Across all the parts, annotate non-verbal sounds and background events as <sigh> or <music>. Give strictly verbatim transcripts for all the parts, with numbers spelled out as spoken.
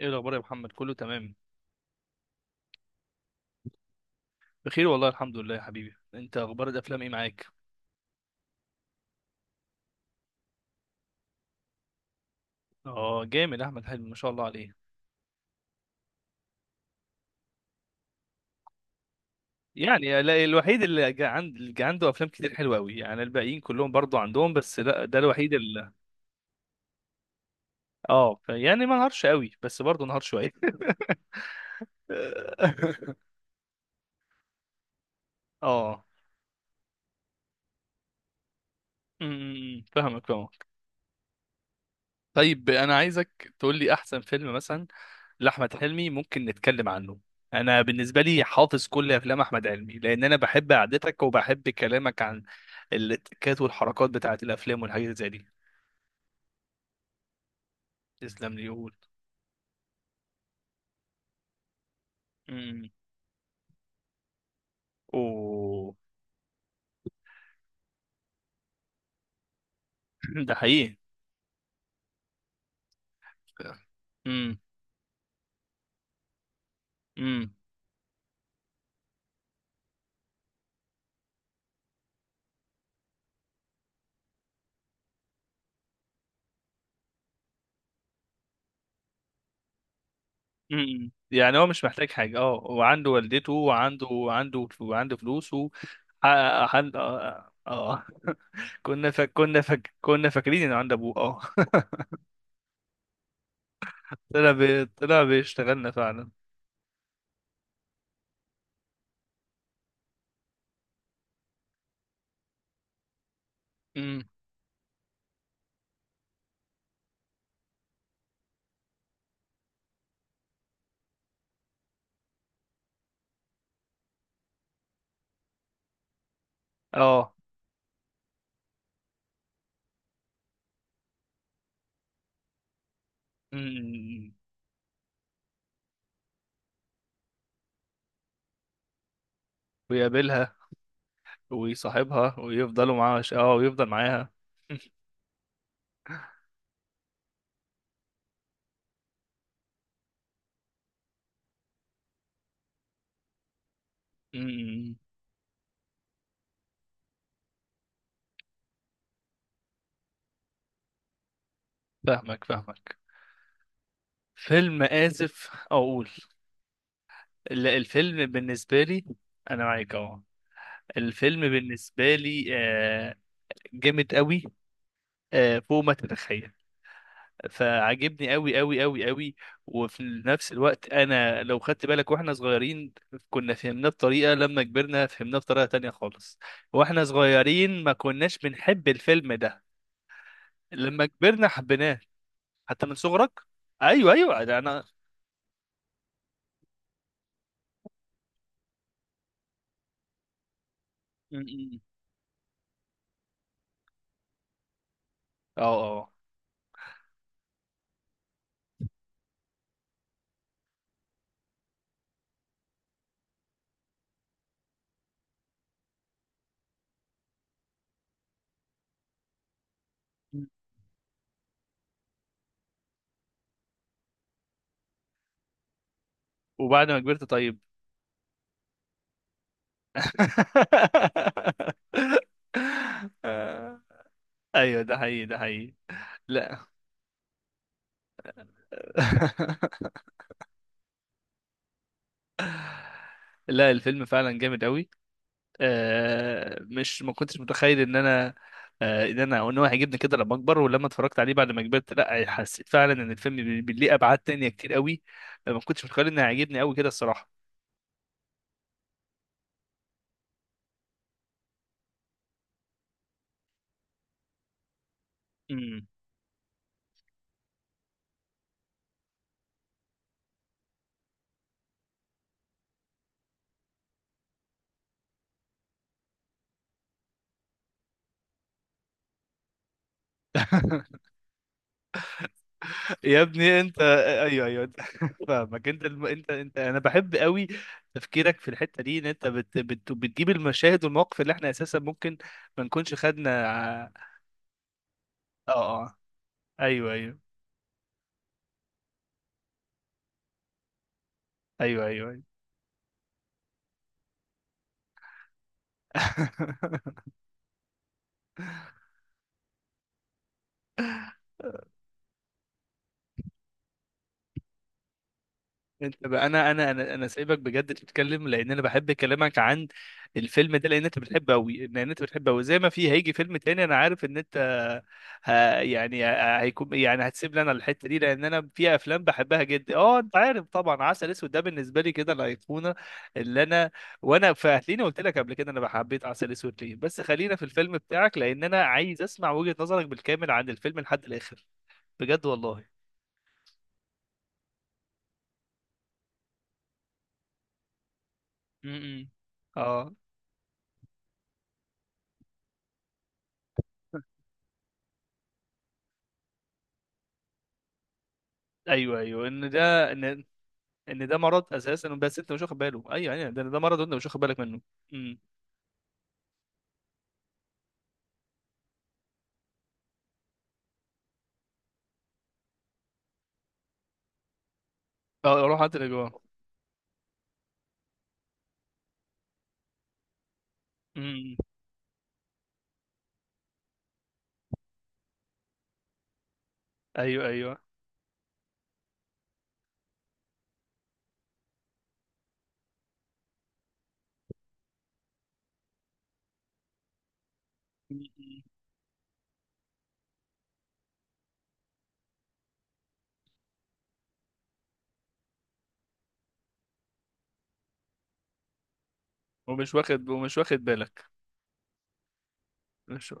ايه الاخبار يا محمد؟ كله تمام؟ بخير والله، الحمد لله يا حبيبي. انت اخبار الافلام ايه معاك؟ اه، جامد. احمد حلمي ما شاء الله عليه. يعني لا- الوحيد اللي جا- عند اللي جا عنده افلام كتير حلوه قوي. يعني الباقيين كلهم برضو عندهم، بس لا، ده الوحيد اللي. اه، ف- يعني ما نهارش قوي، بس برضو نهار شويه. <laughs> اه، م- م- م. فاهمك فاهمك. طيب، انا عايزك تقول لي احسن فيلم مثلا لاحمد حلمي ممكن نتكلم عنه. انا بالنسبه لي حافظ كل افلام احمد حلمي، لان انا بحب قعدتك وبحب كلامك عن التكات والحركات بتاعه الافلام والحاجات زي دي. تسلم لي يقول. امم. اوه. <laughs> ده حقيقي. امم. امم. امم. يعني هو مش محتاج حاجه، اه وعنده والدته وعنده وعنده وعنده فلوسه. اه. اه. آه. <laughs> كنا فك... كنا فك... كنا فاكرين انه عند ابوه. اه. <laughs> طلع بي... طلع بيشتغلنا فعلا. اه. أمم. ويقابلها ويصاحبها ويفضلوا معاها، ش- اه ويفضل معاها. أمم. فاهمك فاهمك. فيلم آسف أقول. لا، الفيلم بالنسبة لي، أنا معاك أهو. الفيلم بالنسبة لي آه، جامد قوي. آه، فوق ما تتخيل. فعجبني قوي قوي قوي قوي. وفي نفس الوقت، أنا لو خدت بالك وإحنا صغيرين، كنا فهمناه بطريقة. لما كبرنا فهمناه بطريقة تانية خالص. وإحنا صغيرين ما كناش بنحب الفيلم ده. لما كبرنا حبيناه. حتى من صغرك؟ ايوه، ايوه، ده انا. م- م. اه. اه. م. وبعد ما كبرت؟ طيب. <laughs> ايوه، ده حقيقي، ده حقيقي. لا. <laughs> لا، الفيلم فعلا جامد قوي. آه مش ما كنتش متخيل ان انا آه، ان انا ان هو هيعجبني كده لما اكبر. ولما اتفرجت عليه بعد ما كبرت، لا، حسيت فعلا ان الفيلم بي- بي- ليه ابعاد تانية كتير قوي. ما كنتش متخيل انه هيعجبني قوي كده الصراحه. أمم. <laughs> يا ابني انت! ايوه، ايوه. انت <laughs> فاهمك. انت الم... انت انت انا بحب قوي تفكيرك في الحته دي، ان انت بت... بت... بتجيب المشاهد والمواقف اللي احنا اساسا ممكن ما نكونش خدنا ع- اه. اه. ايوه، ايوه، ايوه، ايوه, أيوة. <laughs> انت بقى، انا انا انا انا سايبك بجد تتكلم لان انا بحب كلامك عن الفيلم ده، لان انت بتحبه قوي، لان انت بتحبه قوي، زي ما في هيجي فيلم تاني انا عارف ان انت ه... يعني ه- هيكون، يعني هتسيب لي انا الحته دي لان انا في افلام بحبها جدا. اه انت عارف طبعا عسل اسود ده بالنسبه لي كده الايقونه اللي انا، وانا فهتلاقيني قلت لك قبل كده انا حبيت عسل اسود ليه، بس خلينا في الفيلم بتاعك لان انا عايز اسمع وجهه نظرك بالكامل عن الفيلم لحد الاخر. بجد والله. م- م. اه. ايوه، ايوه، ان ده ان ان ده مرض اساسا، بس انت مش واخد باله. ايوه، ايوه، ده ده مرض وانت مش واخد بالك منه. امم. اه، روح هات الاجوان. امم. ايوه، ايوه. مم. ومش واخد ومش واخد بالك، مش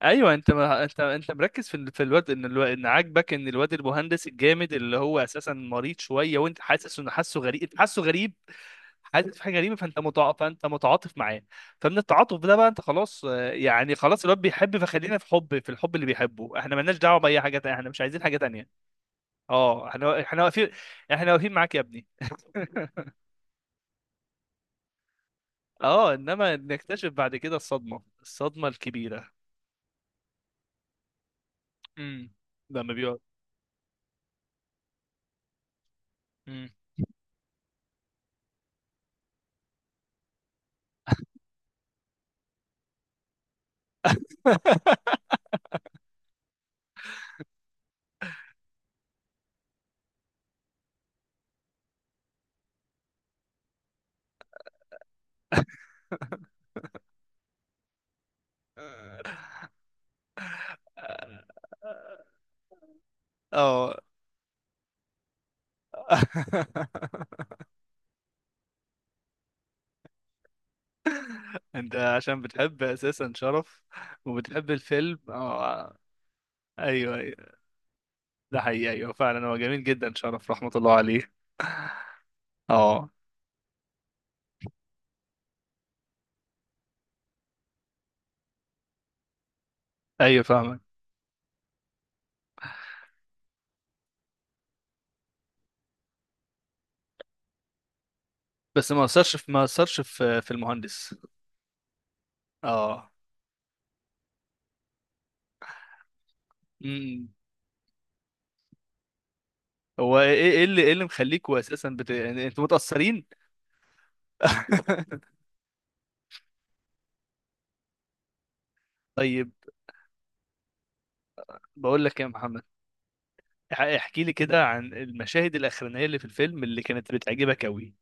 ايوه، انت ما انت انت مركز في ال- في الواد، ان الواد ان عاجبك ان الواد المهندس الجامد اللي هو اساسا مريض شويه، وانت حاسس انه حاسه غريب، انت حاسه غريب. حاسس في حاجه غريبه، فانت متع... فانت متعاطف معاه. فمن التعاطف ده بقى انت خلاص، آه، يعني خلاص الواد بيحب، فخلينا في حب في الحب اللي بيحبه. احنا مالناش دعوه باي حاجه تانية، احنا مش عايزين حاجه تانية. اه، احنا احنا واقفين. احنا واقفين معاك يا ابني. <laughs> اه، انما نكتشف بعد كده الصدمه الصدمه الكبيره. امم. لما بيقعد. مم. <laughs> اه. <laughs> انت عشان بتحب اساسا شرف، وبتحب الفيلم. اه. ايوه، ايوه، ده حقيقي. ايوه، فعلا هو جميل جدا. شرف رحمة الله عليه. اه. ايوه، فاهمك. بس ما اثرش في ما اثرش في في المهندس. اه. امم. هو ايه ايه إيه اللي ايه اللي مخليكوا اساسا بت... يعني انتوا متأثرين؟ <laughs> طيب، بقول لك إيه يا محمد؟ اح- احكي لي كده عن المشاهد الاخرانيه اللي في الفيلم اللي كانت بتعجبك قوي.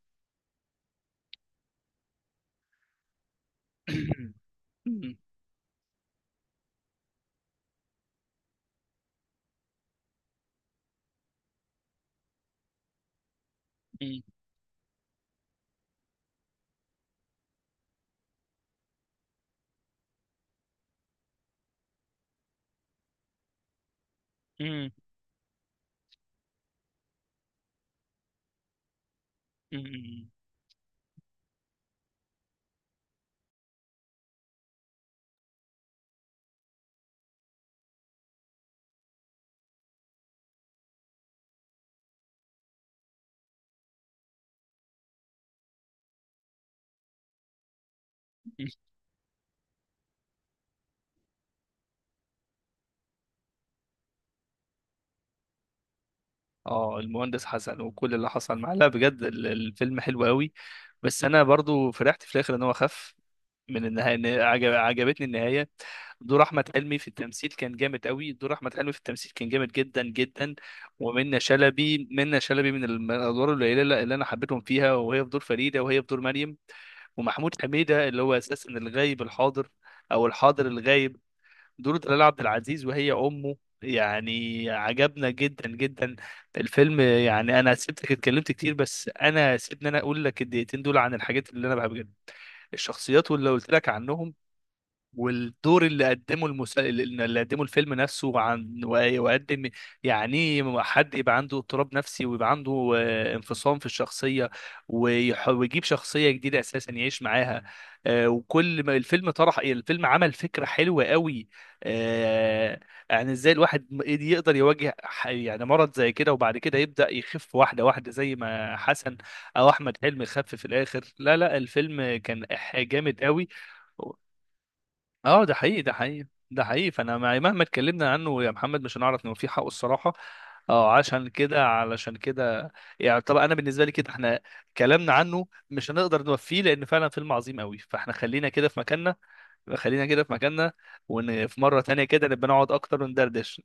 اه، المهندس حسن وكل اللي حصل معاه، لا بجد ال- الفيلم حلو قوي. بس انا برضو فرحت في الاخر ان هو خف. من النهايه، إن عجب... عجبتني النهايه. دور احمد حلمي في التمثيل كان جامد قوي. دور احمد حلمي في التمثيل كان جامد جدا جدا. ومنى شلبي منى شلبي من الم- الادوار القليله اللي اللي انا حبيتهم فيها، وهي في دور فريده، وهي في دور مريم. ومحمود حميده اللي هو اساسا الغايب الحاضر، او الحاضر الغايب. بدورة دلال عبد العزيز وهي أمه. يعني عجبنا جدا جدا الفيلم. يعني أنا سبتك اتكلمت كتير، بس أنا سيبني أنا أقول لك الدقيقتين دول عن الحاجات اللي أنا بحبها جدا. الشخصيات واللي قلت لك عنهم. والدور اللي قدمه المسا... اللي قدمه الفيلم نفسه عن. وقدم. يعني إيه، حد يبقى عنده اضطراب نفسي ويبقى عنده آه، انفصام في الشخصية. ويح... ويجيب شخصية جديدة أساسا يعيش معاها. آه، وكل ما الفيلم طرح الفيلم عمل فكرة حلوة قوي. آه، يعني ازاي الواحد م- يقدر يواجه ح- يعني مرض زي كده، وبعد كده يبدأ يخف واحدة واحدة زي ما حسن، أو أحمد حلمي خف في الآخر. لا، لا، الفيلم كان إح- جامد قوي. اه، ده حقيقي، ده حقيقي، ده حقيقي. فانا مع- مهما اتكلمنا عنه يا محمد مش هنعرف نوفيه حقه الصراحه. اه، عشان كده علشان كده يعني طبعا انا بالنسبه لي كده احنا، كلامنا عنه مش هنقدر نوفيه لان فعلا فيلم عظيم قوي. فاحنا خلينا كده في مكاننا. خلينا كده في مكاننا. وان في مره تانية كده نبقى نقعد اكتر وندردش.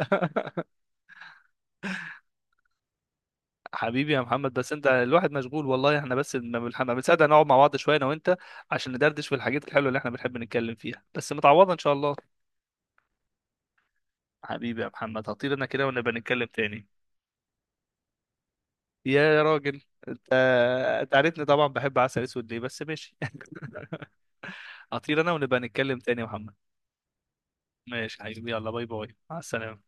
<laughs> حبيبي يا محمد. بس انت الواحد مشغول والله. احنا بس ما بنح- ما بنصدق نقعد مع بعض شويه انا وانت، عشان ندردش في الحاجات الحلوه اللي احنا بنحب نتكلم فيها. بس متعوضه ان شاء الله. حبيبي يا محمد، هطير انا كده، ونبقى نتكلم تاني. يا راجل انت! انت عارفني طبعا، بحب عسل اسود ليه. بس ماشي. <laughs> هطير انا ونبقى نتكلم تاني يا محمد. ماشي حبيبي، يلا، باي باي، مع السلامة.